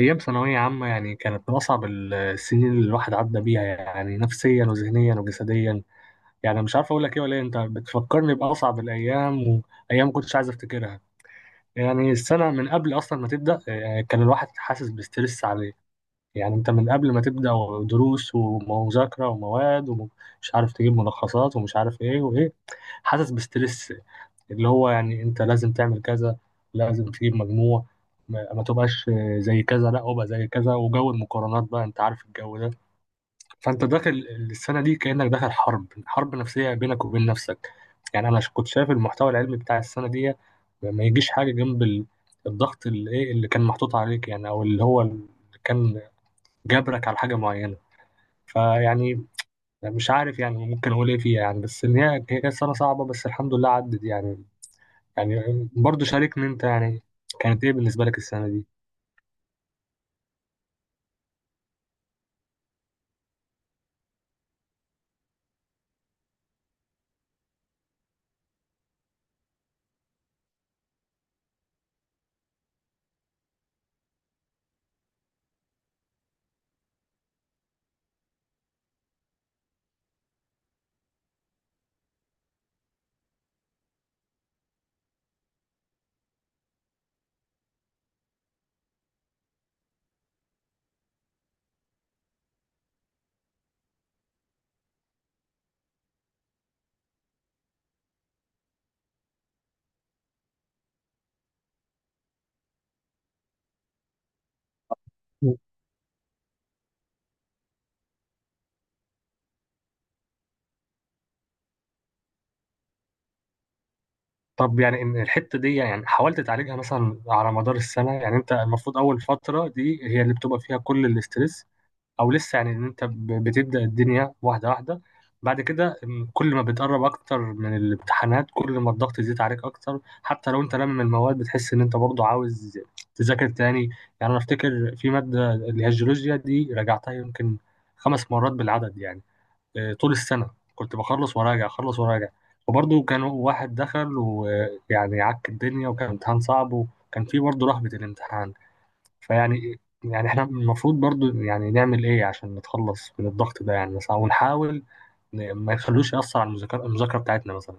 أيام ثانوية عامة يعني كانت من أصعب السنين اللي الواحد عدى بيها، يعني نفسيا وذهنيا وجسديا. يعني مش عارف أقول لك إيه ولا إيه، أنت بتفكرني بأصعب الأيام وأيام كنتش عايز أفتكرها. يعني السنة من قبل أصلا ما تبدأ، كان الواحد حاسس بستريس عليه. يعني أنت من قبل ما تبدأ دروس ومذاكرة ومواد ومش عارف تجيب ملخصات ومش عارف إيه وإيه، حاسس بستريس. اللي هو يعني انت لازم تعمل كذا، لازم تجيب مجموع، ما تبقاش زي كذا، لا ابقى زي كذا، وجو المقارنات بقى انت عارف الجو ده. فانت داخل السنه دي كانك داخل حرب، حرب نفسيه بينك وبين نفسك. يعني انا كنت شايف المحتوى العلمي بتاع السنه دي ما يجيش حاجه جنب الضغط اللي ايه اللي كان محطوط عليك، يعني او اللي هو اللي كان جبرك على حاجه معينه. فيعني مش عارف يعني ممكن اقول ايه فيها، يعني بس ان هي كانت سنه صعبه، بس الحمد لله عدت يعني. يعني برضه شاركني انت، يعني كانت ايه بالنسبه لك السنه دي؟ طب يعني ان الحته دي يعني حاولت تعالجها مثلا على مدار السنه؟ يعني انت المفروض اول فتره دي هي اللي بتبقى فيها كل الاسترس، او لسه يعني ان انت بتبدا الدنيا واحده واحده. بعد كده كل ما بتقرب اكتر من الامتحانات كل ما الضغط يزيد عليك اكتر، حتى لو انت لم المواد بتحس ان انت برضه عاوز تذاكر تاني. يعني انا افتكر في ماده اللي هي الجيولوجيا دي راجعتها يمكن خمس مرات بالعدد، يعني طول السنة كنت بخلص وراجع، أخلص وراجع، وبرضه كان واحد دخل ويعني عك الدنيا وكان امتحان صعب وكان فيه برضه رهبة الامتحان. فيعني يعني احنا المفروض برضه يعني نعمل ايه عشان نتخلص من الضغط ده يعني؟ مثلا ونحاول ما يخلوش يأثر على المذاكرة بتاعتنا مثلا.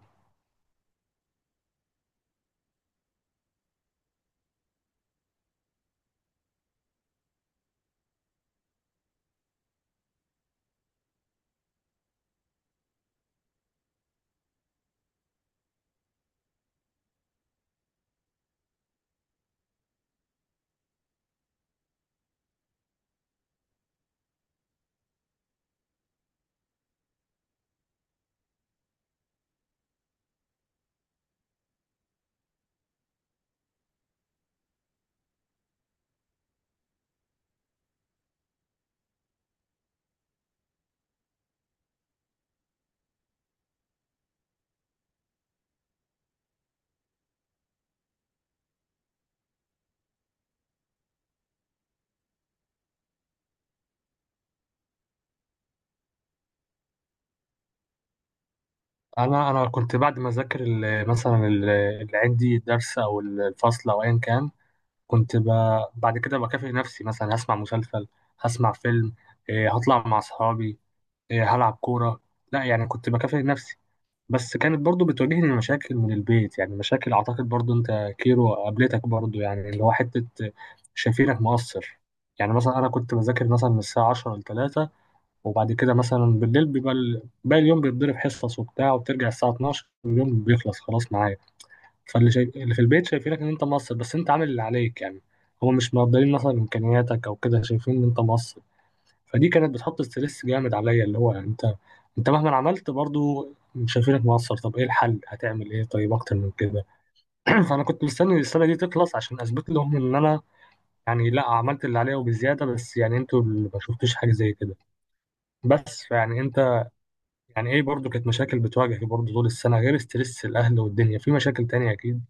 أنا كنت بعد ما أذاكر اللي عندي درس أو الفصل أو أيا كان، كنت ب... بعد كده بكافئ نفسي، مثلا هسمع مسلسل، هسمع فيلم، هطلع مع أصحابي، هلعب كورة. لا يعني كنت بكافئ نفسي. بس كانت برضو بتواجهني مشاكل من البيت، يعني مشاكل أعتقد برضو أنت كيرو قابلتك برضو، يعني اللي هو حتة شايفينك مقصر. يعني مثلا أنا كنت بذاكر مثلا من الساعة 10 ل 3، وبعد كده مثلا بالليل بيبقى باقي اليوم بيتضرب حصص وبتاع وبترجع الساعة 12 واليوم بيخلص خلاص معايا. فاللي شايف اللي في البيت شايفينك إن أنت مقصر، بس أنت عامل اللي عليك يعني. هو مش مقدرين مثلا إمكانياتك أو كده، شايفين إن أنت مقصر. فدي كانت بتحط ستريس جامد عليا، اللي هو يعني انت مهما عملت برضو شايفينك مقصر. طب ايه الحل؟ هتعمل ايه طيب اكتر من كده؟ فانا كنت مستني السنه دي تخلص عشان اثبت لهم ان انا يعني لا، عملت اللي عليا وبزياده، بس يعني انتوا اللي ما شفتوش حاجه زي كده. بس فيعني انت يعني ايه، برضو كانت مشاكل بتواجهك برضو طول السنه غير ستريس الاهل والدنيا، في مشاكل تانية اكيد.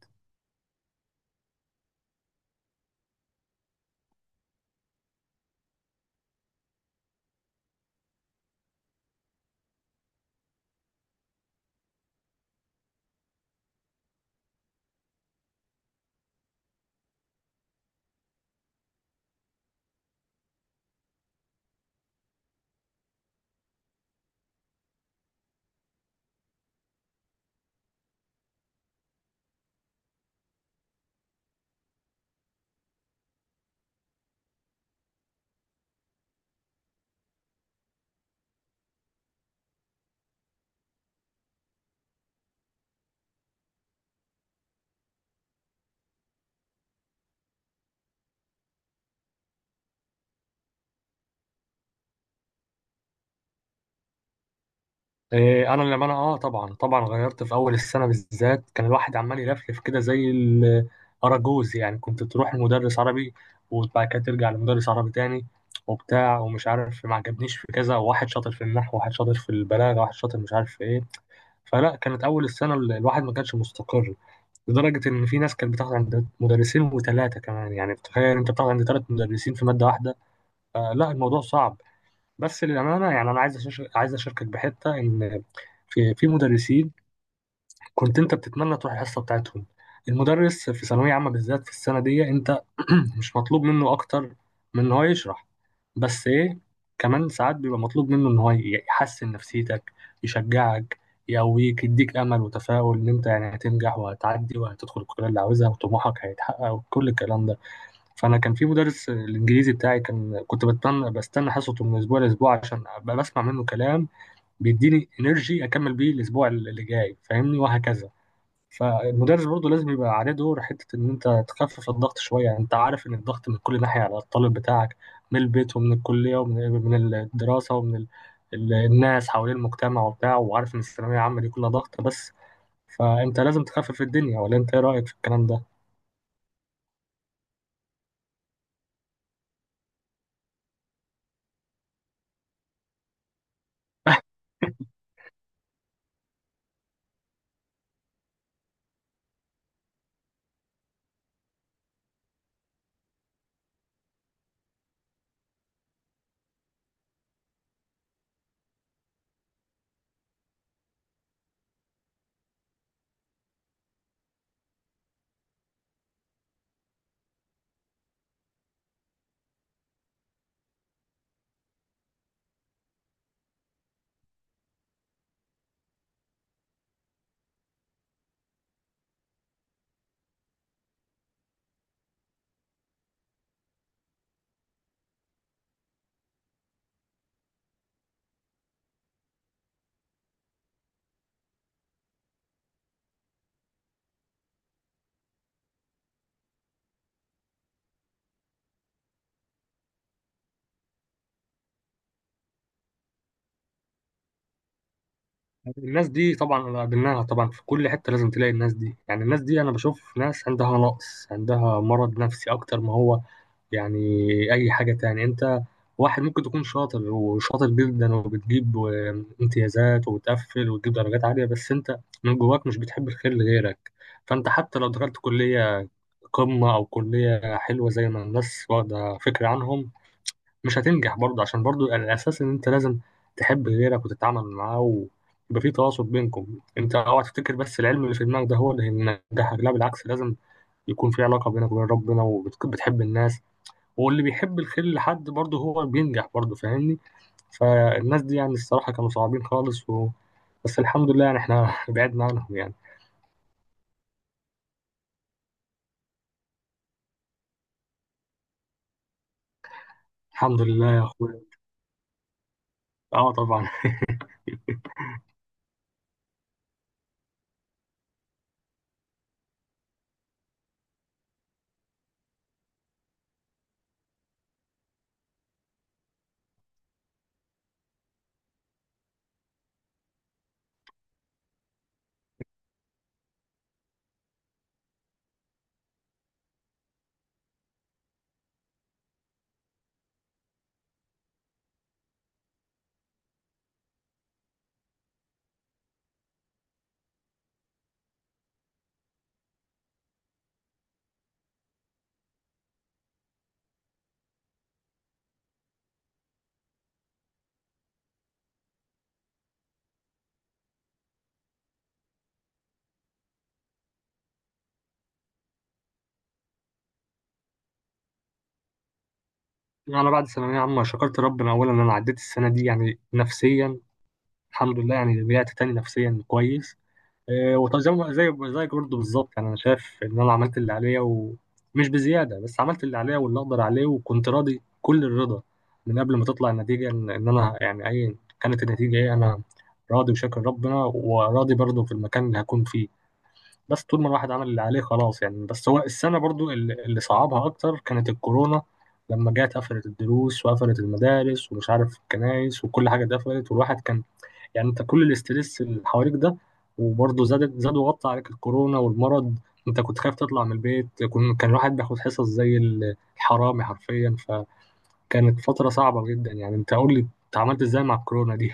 انا لما انا اه طبعا، طبعا غيرت في اول السنه بالذات. كان الواحد عمال يلفلف كده زي الاراجوز، يعني كنت تروح لمدرس عربي وبعد كده ترجع لمدرس عربي تاني وبتاع ومش عارف، ما عجبنيش، في كذا واحد شاطر في النحو واحد شاطر في البلاغه واحد شاطر مش عارف في ايه. فلا، كانت اول السنه الواحد ما كانش مستقر، لدرجه ان في ناس كانت بتاخد عند مدرسين وثلاثه كمان. يعني تخيل انت بتاخد عند ثلاث مدرسين في ماده واحده. آه لا، الموضوع صعب. بس للامانه يعني انا عايز اشاركك بحته ان في مدرسين كنت انت بتتمنى تروح الحصه بتاعتهم. المدرس في ثانويه عامه بالذات في السنه دي، انت مش مطلوب منه اكتر من ان هو يشرح، بس ايه، كمان ساعات بيبقى مطلوب منه ان هو يحسن نفسيتك، يشجعك، يقويك، يديك امل وتفاؤل ان انت يعني هتنجح وهتعدي وهتدخل الكليه اللي عاوزها وطموحك هيتحقق وكل الكلام ده. فانا كان في مدرس الانجليزي بتاعي كان كنت بتمنى بستنى حصته من اسبوع لاسبوع عشان ابقى بسمع منه كلام بيديني انرجي اكمل بيه الاسبوع اللي جاي، فاهمني، وهكذا. فالمدرس برضه لازم يبقى عليه دور حته ان انت تخفف الضغط شويه. انت عارف ان الضغط من كل ناحيه على الطالب بتاعك، من البيت ومن الكليه ومن الدراسه ومن الناس حوالين المجتمع وبتاع، وعارف ان الثانويه العامه دي كلها ضغط بس. فانت لازم تخفف الدنيا، ولا انت ايه رايك في الكلام ده؟ الناس دي طبعا قابلناها، طبعا في كل حتة لازم تلاقي الناس دي. يعني الناس دي أنا بشوف ناس عندها نقص، عندها مرض نفسي أكتر ما هو يعني أي حاجة تاني. أنت واحد ممكن تكون شاطر وشاطر جدا وبتجيب امتيازات وبتقفل وتجيب درجات عالية، بس أنت من جواك مش بتحب الخير لغيرك. فأنت حتى لو دخلت كلية قمة أو كلية حلوة زي ما الناس واخدة فكرة عنهم، مش هتنجح برضه، عشان برضه الاساس ان انت لازم تحب غيرك وتتعامل معاه ويبقى في تواصل بينكم. انت اوعى تفتكر بس العلم اللي في دماغك ده هو اللي هينجحك، لا بالعكس، لازم يكون في علاقه بينك وبين ربنا وبتحب الناس، واللي بيحب الخير لحد برضه هو بينجح برضه، فاهمني. فالناس دي يعني الصراحه كانوا صعبين خالص و... بس الحمد لله يعني احنا بعدنا عنهم يعني. الحمد لله يا اخويا. اه طبعا. انا بعد ثانويه عامه شكرت ربنا اولا ان انا عديت السنه دي يعني نفسيا. الحمد لله يعني رجعت تاني نفسيا كويس. وطبعا زي زي زيك برضه بالظبط، يعني انا شايف ان انا عملت اللي عليا ومش بزياده، بس عملت اللي عليا واللي اقدر عليه وكنت راضي كل الرضا من قبل ما تطلع النتيجه، إن انا يعني اي كانت النتيجه ايه، انا راضي وشاكر ربنا وراضي برضه في المكان اللي هكون فيه. بس طول ما الواحد عمل اللي عليه خلاص يعني. بس هو السنه برضه اللي صعبها اكتر كانت الكورونا، لما جت قفلت الدروس وقفلت المدارس ومش عارف الكنائس وكل حاجه اتقفلت والواحد كان، يعني انت كل الاسترس اللي حواليك ده وبرضه زاد زاد وغطى عليك الكورونا والمرض. انت كنت خايف تطلع من البيت، كان الواحد بياخد حصص زي الحرامي حرفيا. فكانت فترة صعبة جدا. يعني انت قول لي انت عملت ازاي مع الكورونا دي؟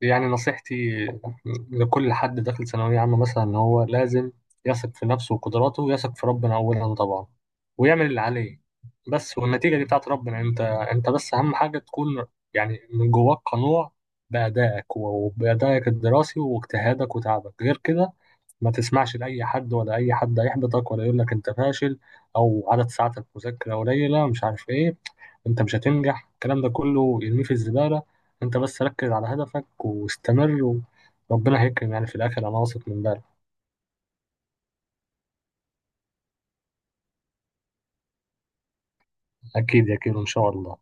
يعني نصيحتي لكل حد داخل ثانوية عامة مثلا إن هو لازم يثق في نفسه وقدراته ويثق في ربنا أولا طبعا، ويعمل اللي عليه بس، والنتيجة دي بتاعت ربنا. أنت أنت بس أهم حاجة تكون يعني من جواك قنوع بأدائك وبأدائك الدراسي واجتهادك وتعبك، غير كده ما تسمعش لأي حد، ولا أي حد هيحبطك ولا يقول لك أنت فاشل أو عدد ساعاتك مذاكرة قليلة مش عارف إيه، انت مش هتنجح، الكلام ده كله ارميه في الزبالة. انت بس ركز على هدفك واستمر، وربنا هيكرم يعني في الاخر، انا واثق من ده. اكيد يا كيرو ان شاء الله.